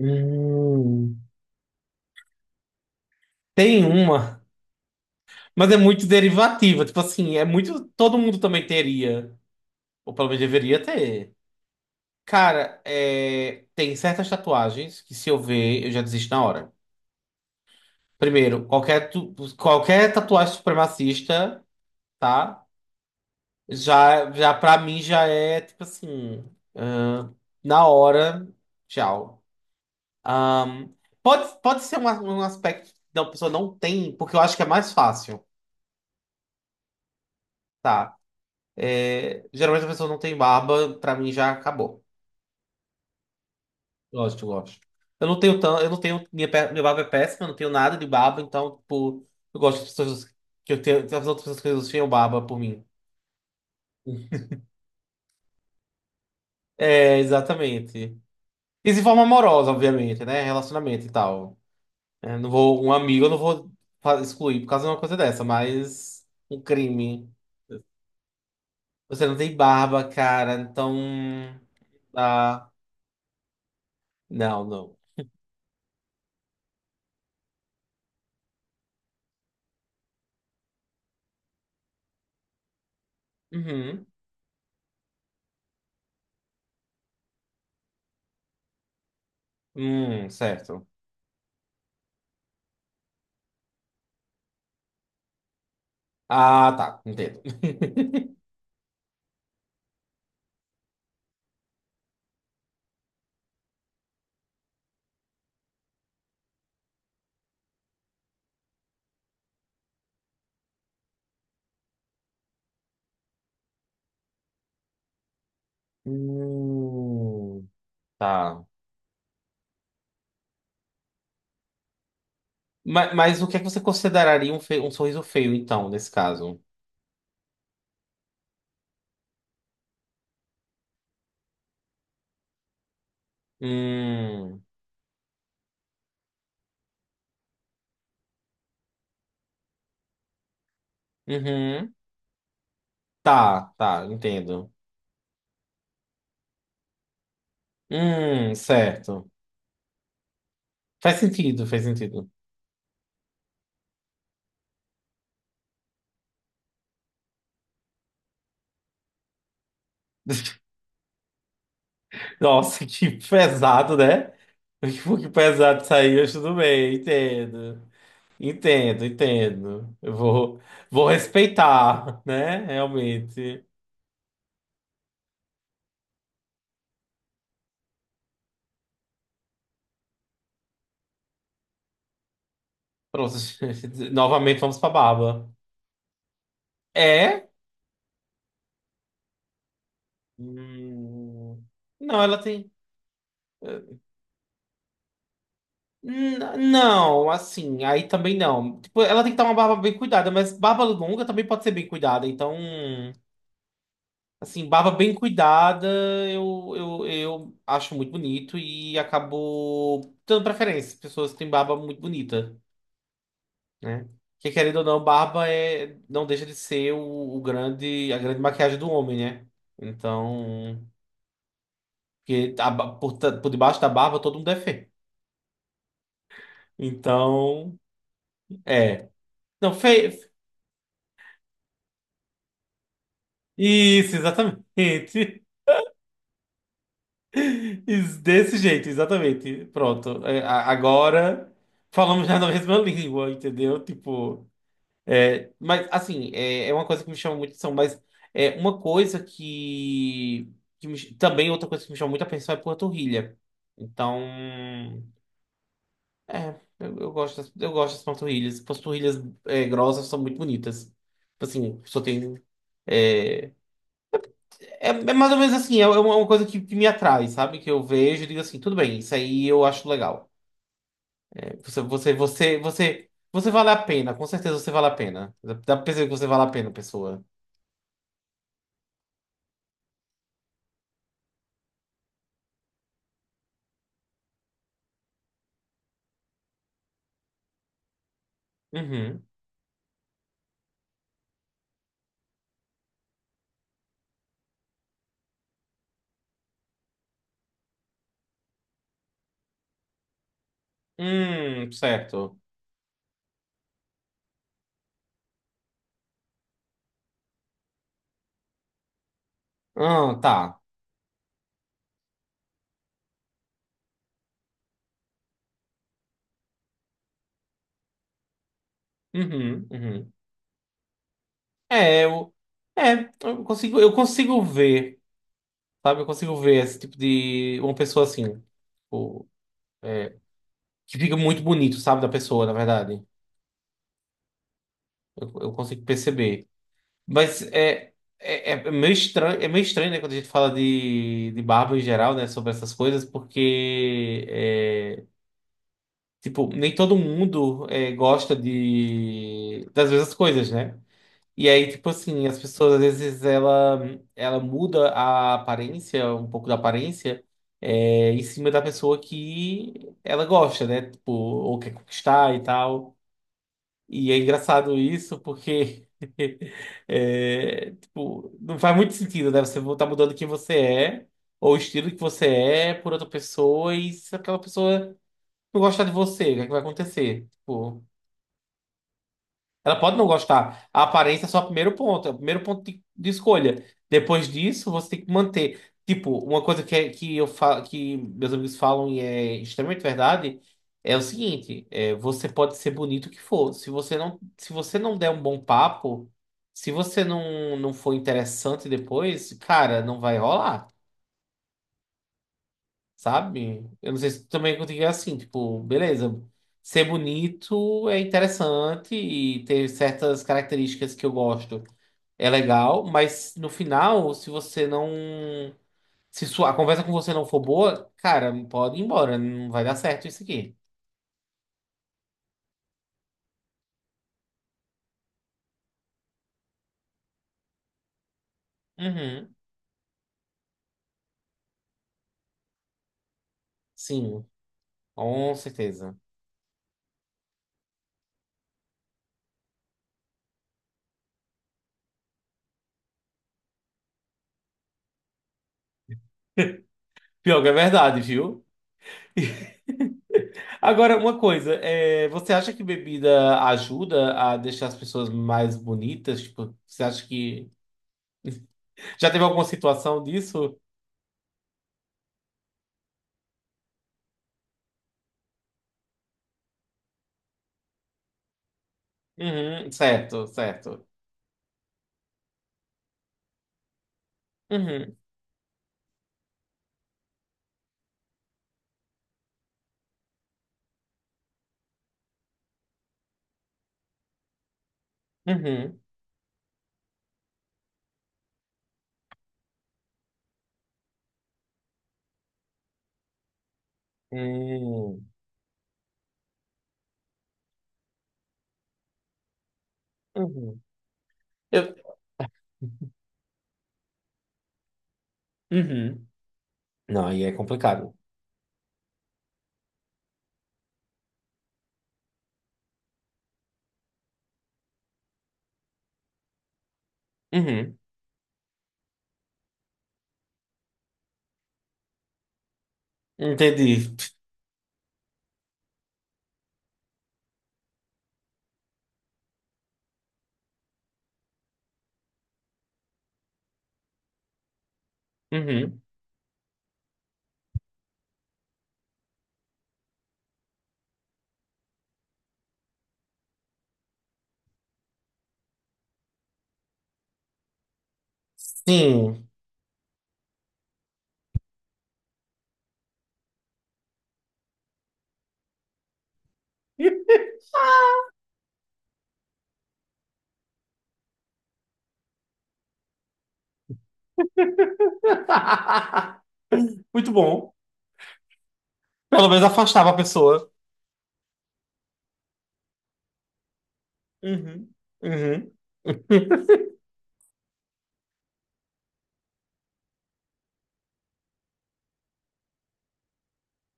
Hum, Tem uma, mas é muito derivativa. Tipo assim, é muito. Todo mundo também teria, ou pelo menos deveria ter. Cara, é, tem certas tatuagens que se eu ver, eu já desisto na hora. Primeiro, qualquer tatuagem supremacista, tá? Já pra mim já é tipo assim, ah, na hora, tchau. Ahn, pode ser um aspecto que a pessoa não tem, porque eu acho que é mais fácil. Tá? É, geralmente a pessoa não tem barba, pra mim já acabou. Gosto, gosto. Eu não tenho tanto, eu não tenho, minha barba é péssima, eu não tenho nada de barba, então, tipo, eu gosto das pessoas que eu tenho, das outras pessoas que tenham barba por mim. É, exatamente. E de forma amorosa, obviamente, né? Relacionamento e tal. É, não vou, um amigo eu não vou excluir por causa de uma coisa dessa, mas um crime. Você não tem barba, cara, então. Ah, não, não. Uhum. Certo. Ah, tá, entendo. Hum, tá. Mas o que é que você consideraria um sorriso feio, então, nesse caso? Hum, uhum. Tá, tá, entendo. Certo. Faz sentido, faz sentido. Nossa, que pesado, né? Que que pesado saiu, mas tudo bem, entendo. Entendo, entendo. Eu vou respeitar, né? Realmente. Pronto, novamente vamos pra barba. É? Hum, não, ela tem. eh, Não, assim, aí também não. Tipo, ela tem que estar uma barba bem cuidada, mas barba longa também pode ser bem cuidada. Então, assim, barba bem cuidada eu acho muito bonito e acabo dando preferência. Pessoas que têm barba muito bonita, né? Porque querendo ou não, barba é, não deixa de ser o grande, a grande maquiagem do homem, né? Então, porque por debaixo da barba todo mundo é feio. Então, é. Não. Isso, exatamente. Isso, desse jeito, exatamente. Pronto. É, agora falamos já na mesma língua, entendeu? Tipo, é, mas assim, é uma coisa que me chama muito atenção, mas é uma coisa que também outra coisa que me chama muito atenção é panturrilha. Então, é, eu gosto das panturrilhas. Panturrilhas grossas são muito bonitas. Tipo assim, só tem é, é mais ou menos assim, é uma coisa que me atrai, sabe? Que eu vejo e digo assim, tudo bem, isso aí eu acho legal. Você vale a pena, com certeza você vale a pena. Dá pra perceber que você vale a pena, pessoa. Uhum. Certo. Ah, tá. Uhum, uhum. É, eu consigo ver. Sabe? Eu consigo ver esse tipo de. Uma pessoa assim. Tipo, é, que fica muito bonito, sabe? Da pessoa, na verdade. Eu consigo perceber. Mas é. É meio estranho, é meio estranho, né, quando a gente fala de barba em geral, né, sobre essas coisas, porque, é, tipo, nem todo mundo gosta de, das mesmas coisas, né? E aí, tipo assim, as pessoas às vezes ela muda a aparência, um pouco da aparência, em cima da pessoa que ela gosta, né? Tipo, ou quer conquistar e tal. E é engraçado isso porque, tipo, não faz muito sentido, né? Você tá mudando quem você é, ou o estilo que você é por outra pessoa, e se aquela pessoa não gostar de você, o que é que vai acontecer? Tipo. Ela pode não gostar. A aparência é só o primeiro ponto, é o primeiro ponto de escolha. Depois disso, você tem que manter. Tipo, uma coisa que, é- que eu fa que meus amigos falam e é extremamente verdade é o seguinte: você pode ser bonito o que for. Se você não der um bom papo, se você não for interessante depois, cara, não vai rolar sabe? Eu não sei se também é contigo é assim, tipo, beleza, ser bonito é interessante e ter certas características que eu gosto é legal, mas no final, se você não. Se sua, a conversa com você não for boa, cara, pode ir embora, não vai dar certo isso aqui. Uhum, sim, com certeza. Pior que é verdade, viu? Agora, uma coisa, você acha que bebida ajuda a deixar as pessoas mais bonitas? Tipo, você acha que já teve alguma situação disso? Uhum, certo, certo. Uhum, uhum, uhum, uhum. Eu, uhum. Não, aí é complicado. Uhum, entendi. Uhum, sim. Muito bom. Pelo menos afastava a pessoa. Uhum, uhum.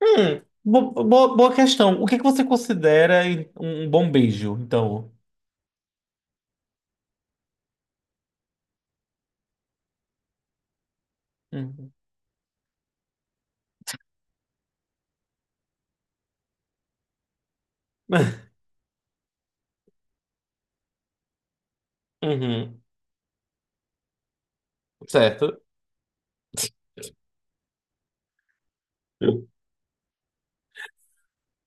Boa questão. O que que você considera um bom beijo, então? Uhum, uhum, certo.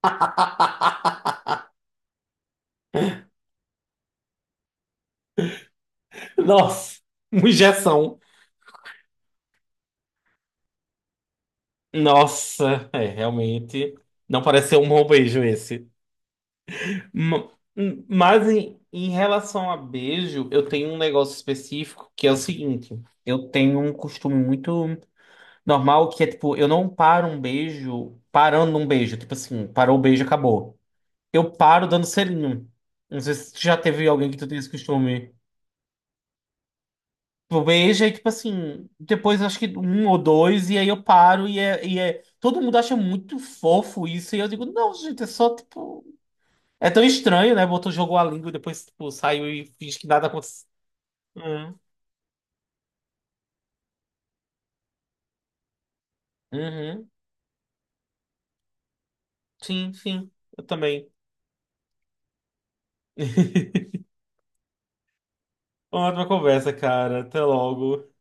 Nossa, uma injeção. Nossa, realmente. Não parece ser um bom beijo esse. Ma- Mas em relação a beijo, eu tenho um negócio específico que é o seguinte: eu tenho um costume muito normal que é tipo, eu não paro um beijo parando um beijo. Tipo assim, parou o beijo, acabou. Eu paro dando selinho. Não sei se já teve alguém que tu tem esse costume. Tipo, veja e, tipo assim, depois acho que um ou dois, e aí eu paro e é. Todo mundo acha muito fofo isso, e eu digo, não, gente, é só tipo. É tão estranho, né? Botou, jogou a língua e depois, tipo, saiu e finge que nada aconteceu. Hum, Uhum. Sim, sim, eu também. Uma ótima conversa, cara. Até logo.